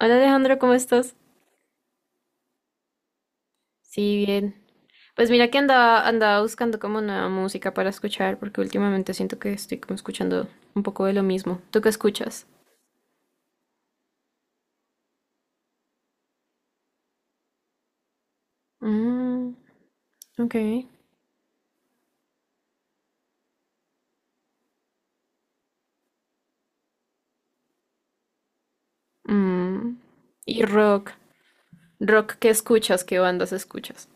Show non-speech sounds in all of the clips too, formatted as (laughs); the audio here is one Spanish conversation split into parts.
Hola Alejandro, ¿cómo estás? Sí, bien. Pues mira que andaba buscando como nueva música para escuchar, porque últimamente siento que estoy como escuchando un poco de lo mismo. ¿Tú qué escuchas? Mm, ok. Mm, y rock. Rock, ¿qué escuchas? ¿Qué bandas escuchas?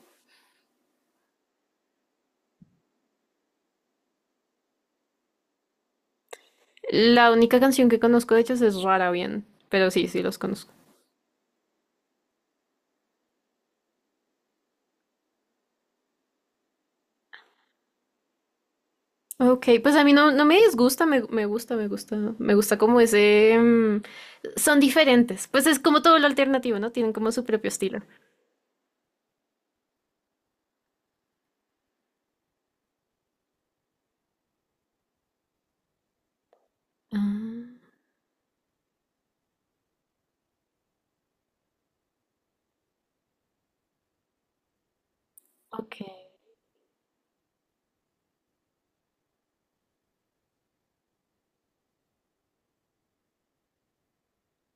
La única canción que conozco de ellos es Rara Bien, pero sí, sí los conozco. Ok, pues a mí no, no me disgusta, me gusta, me gusta, me gusta como ese. Son diferentes, pues es como todo lo alternativo, ¿no? Tienen como su propio estilo. Ah. Ok,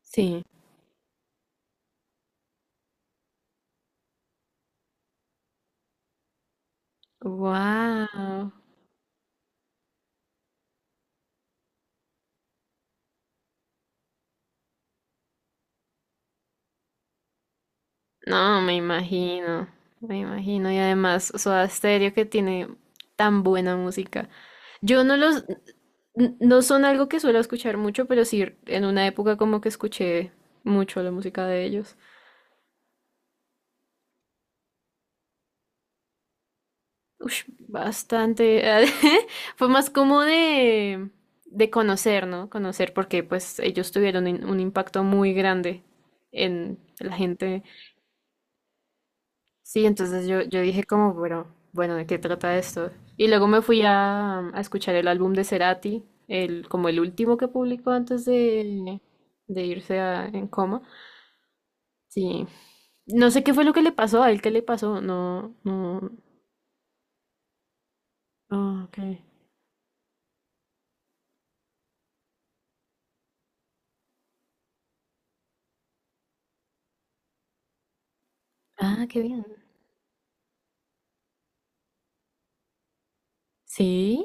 sí. Wow. No, me imagino, me imagino. Y además, Soda Stereo que tiene tan buena música. Yo no los, no son algo que suelo escuchar mucho, pero sí en una época como que escuché mucho la música de ellos. Ush, bastante. (laughs) Fue más como de conocer, ¿no? Conocer porque pues ellos tuvieron un impacto muy grande en la gente. Sí, entonces yo dije como, bueno, bueno, ¿de qué trata esto? Y luego me fui a escuchar el álbum de Cerati, el, como el último que publicó antes de, en coma. Sí. No sé qué fue lo que le pasó, a él qué le pasó, no, no. Ah, ok. Ah, qué bien. Sí,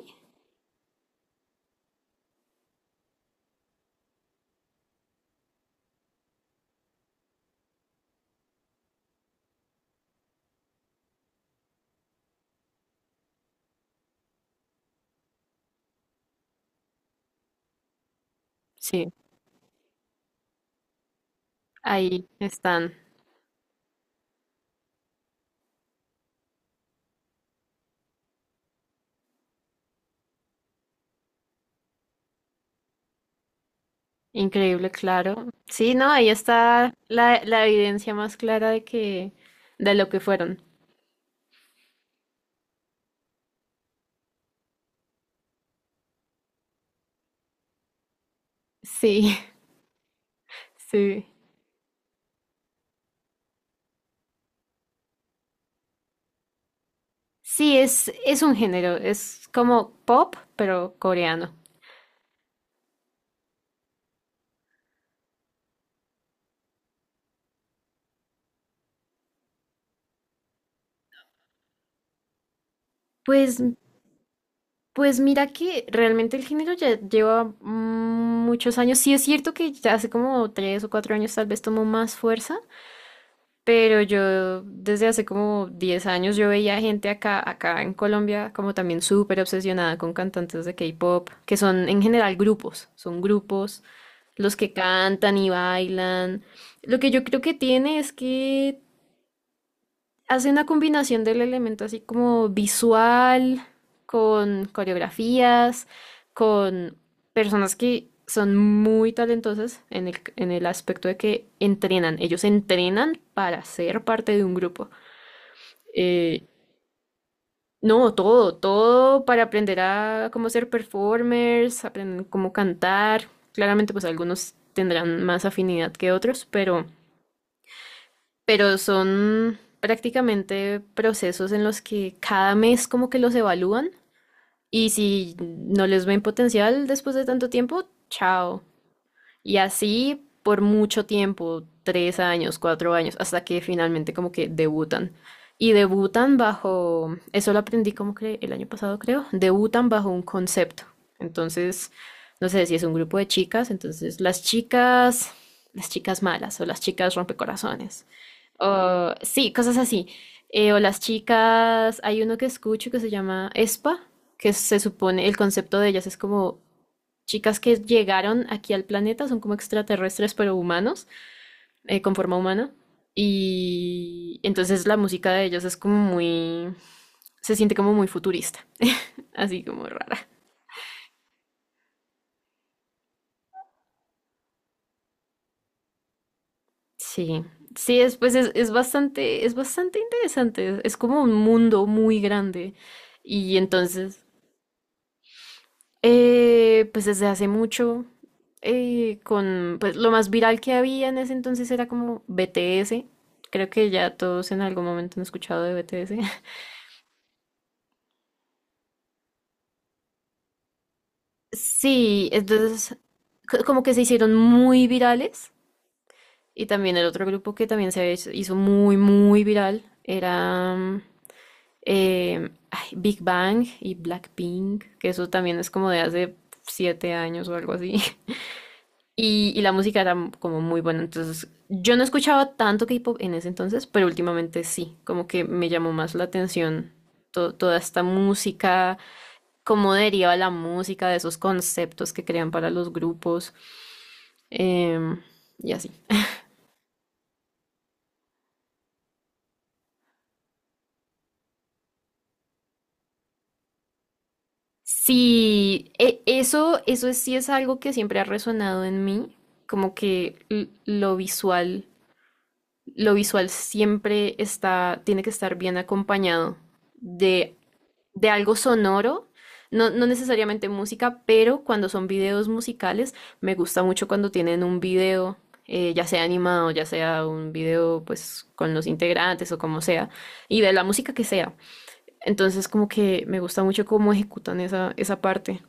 sí, ahí están. Increíble, claro. Sí, no, ahí está la, la evidencia más clara de que, de lo que fueron. Sí, (laughs) sí. Sí, es un género, es como pop, pero coreano. Pues, pues mira que realmente el género ya lleva muchos años. Sí es cierto que ya hace como 3 o 4 años tal vez tomó más fuerza, pero yo desde hace como 10 años yo veía gente acá, acá en Colombia como también súper obsesionada con cantantes de K-pop, que son en general grupos, son grupos los que cantan y bailan. Lo que yo creo que tiene es que hace una combinación del elemento así como visual, con coreografías, con personas que son muy talentosas en el aspecto de que entrenan. Ellos entrenan para ser parte de un grupo. Eh, no, todo, todo para aprender a cómo ser performers, aprender cómo cantar. Claramente, pues algunos tendrán más afinidad que otros, pero son prácticamente procesos en los que cada mes como que los evalúan y si no les ven potencial después de tanto tiempo, chao. Y así por mucho tiempo, 3 años, 4 años, hasta que finalmente como que debutan. Y debutan bajo, eso lo aprendí como que el año pasado creo, debutan bajo un concepto. Entonces, no sé si es un grupo de chicas, entonces las chicas malas o las chicas rompecorazones o, sí, cosas así. O las chicas, hay uno que escucho que se llama ESPA, que se supone, el concepto de ellas es como chicas que llegaron aquí al planeta, son como extraterrestres, pero humanos, con forma humana. Y entonces la música de ellas es como muy, se siente como muy futurista, así como rara. Sí, sí, es, pues es bastante interesante, es como un mundo muy grande. Y entonces... Pues desde hace mucho, con pues lo más viral que había en ese entonces era como BTS. Creo que ya todos en algún momento han escuchado de BTS. (laughs) Sí, entonces como que se hicieron muy virales. Y también el otro grupo que también se hizo muy, muy viral era ay, Big Bang y Blackpink, que eso también es como de hace 7 años o algo así. (laughs) Y, y la música era como muy buena. Entonces, yo no escuchaba tanto K-pop en ese entonces, pero últimamente sí, como que me llamó más la atención toda esta música, cómo deriva la música de esos conceptos que crean para los grupos, em, y así. Sí, eso, eso sí es algo que siempre ha resonado en mí, como que lo visual siempre está, tiene que estar bien acompañado de de algo sonoro, no, no necesariamente música, pero cuando son videos musicales, me gusta mucho cuando tienen un video, ya sea animado, ya sea un video pues con los integrantes o como sea, y de la música que sea. Entonces como que me gusta mucho cómo ejecutan esa, esa parte.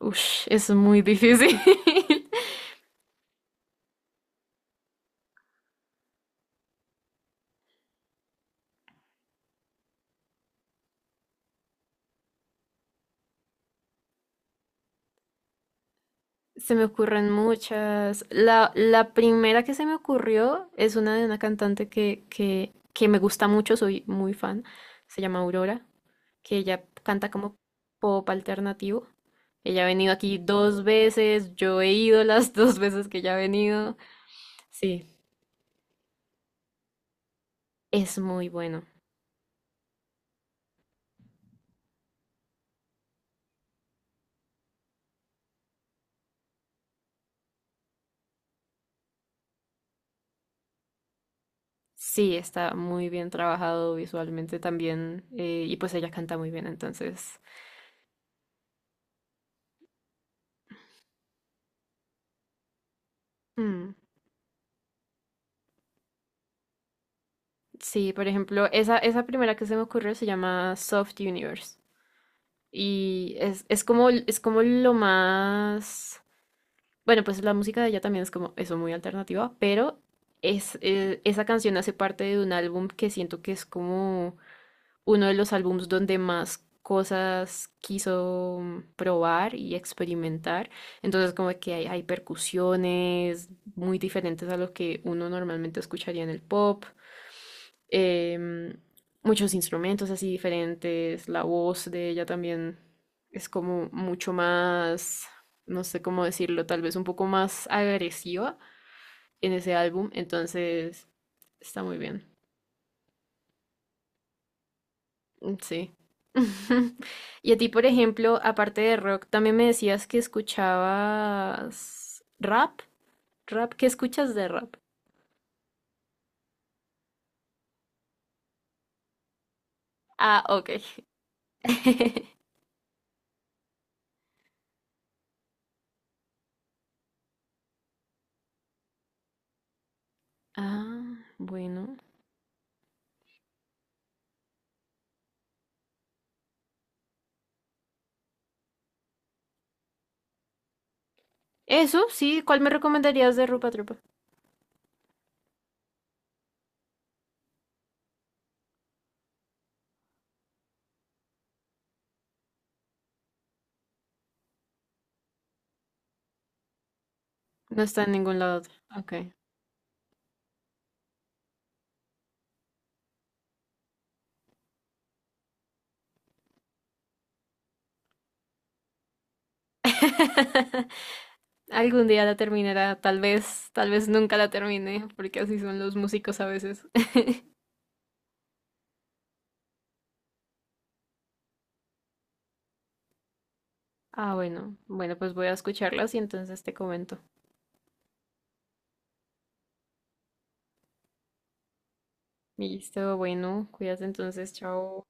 Ush, es muy difícil. (laughs) Se me ocurren muchas. La primera que se me ocurrió es una de una cantante que me gusta mucho, soy muy fan. Se llama Aurora. Que ella canta como pop alternativo. Ella ha venido aquí dos veces, yo he ido las (laughs) dos veces que ella ha venido. Sí, es muy bueno. Sí, está muy bien trabajado visualmente también y pues ella canta muy bien, entonces... mm, sí, por ejemplo, esa primera que se me ocurrió se llama Soft Universe y es como lo más... Bueno, pues la música de ella también es como eso, muy alternativa, pero es, esa canción hace parte de un álbum que siento que es como uno de los álbums donde más cosas quiso probar y experimentar. Entonces como que hay percusiones muy diferentes a lo que uno normalmente escucharía en el pop em, muchos instrumentos así diferentes, la voz de ella también es como mucho más, no sé cómo decirlo, tal vez un poco más agresiva en ese álbum, entonces está muy bien. Mm, sí. (laughs) Y a ti, por ejemplo, aparte de rock, también me decías que escuchabas rap, rap, ¿qué escuchas de rap? Ah, ok. (laughs) Ah, bueno. Eso, sí, ¿cuál me recomendarías de Rupa Trupa? No está en ningún lado. Ok. (laughs) Algún día la terminará, tal vez nunca la termine, porque así son los músicos a veces. (laughs) Ah, bueno, bueno, pues voy a escucharlas y entonces te comento. Listo, bueno, cuídate entonces, chao.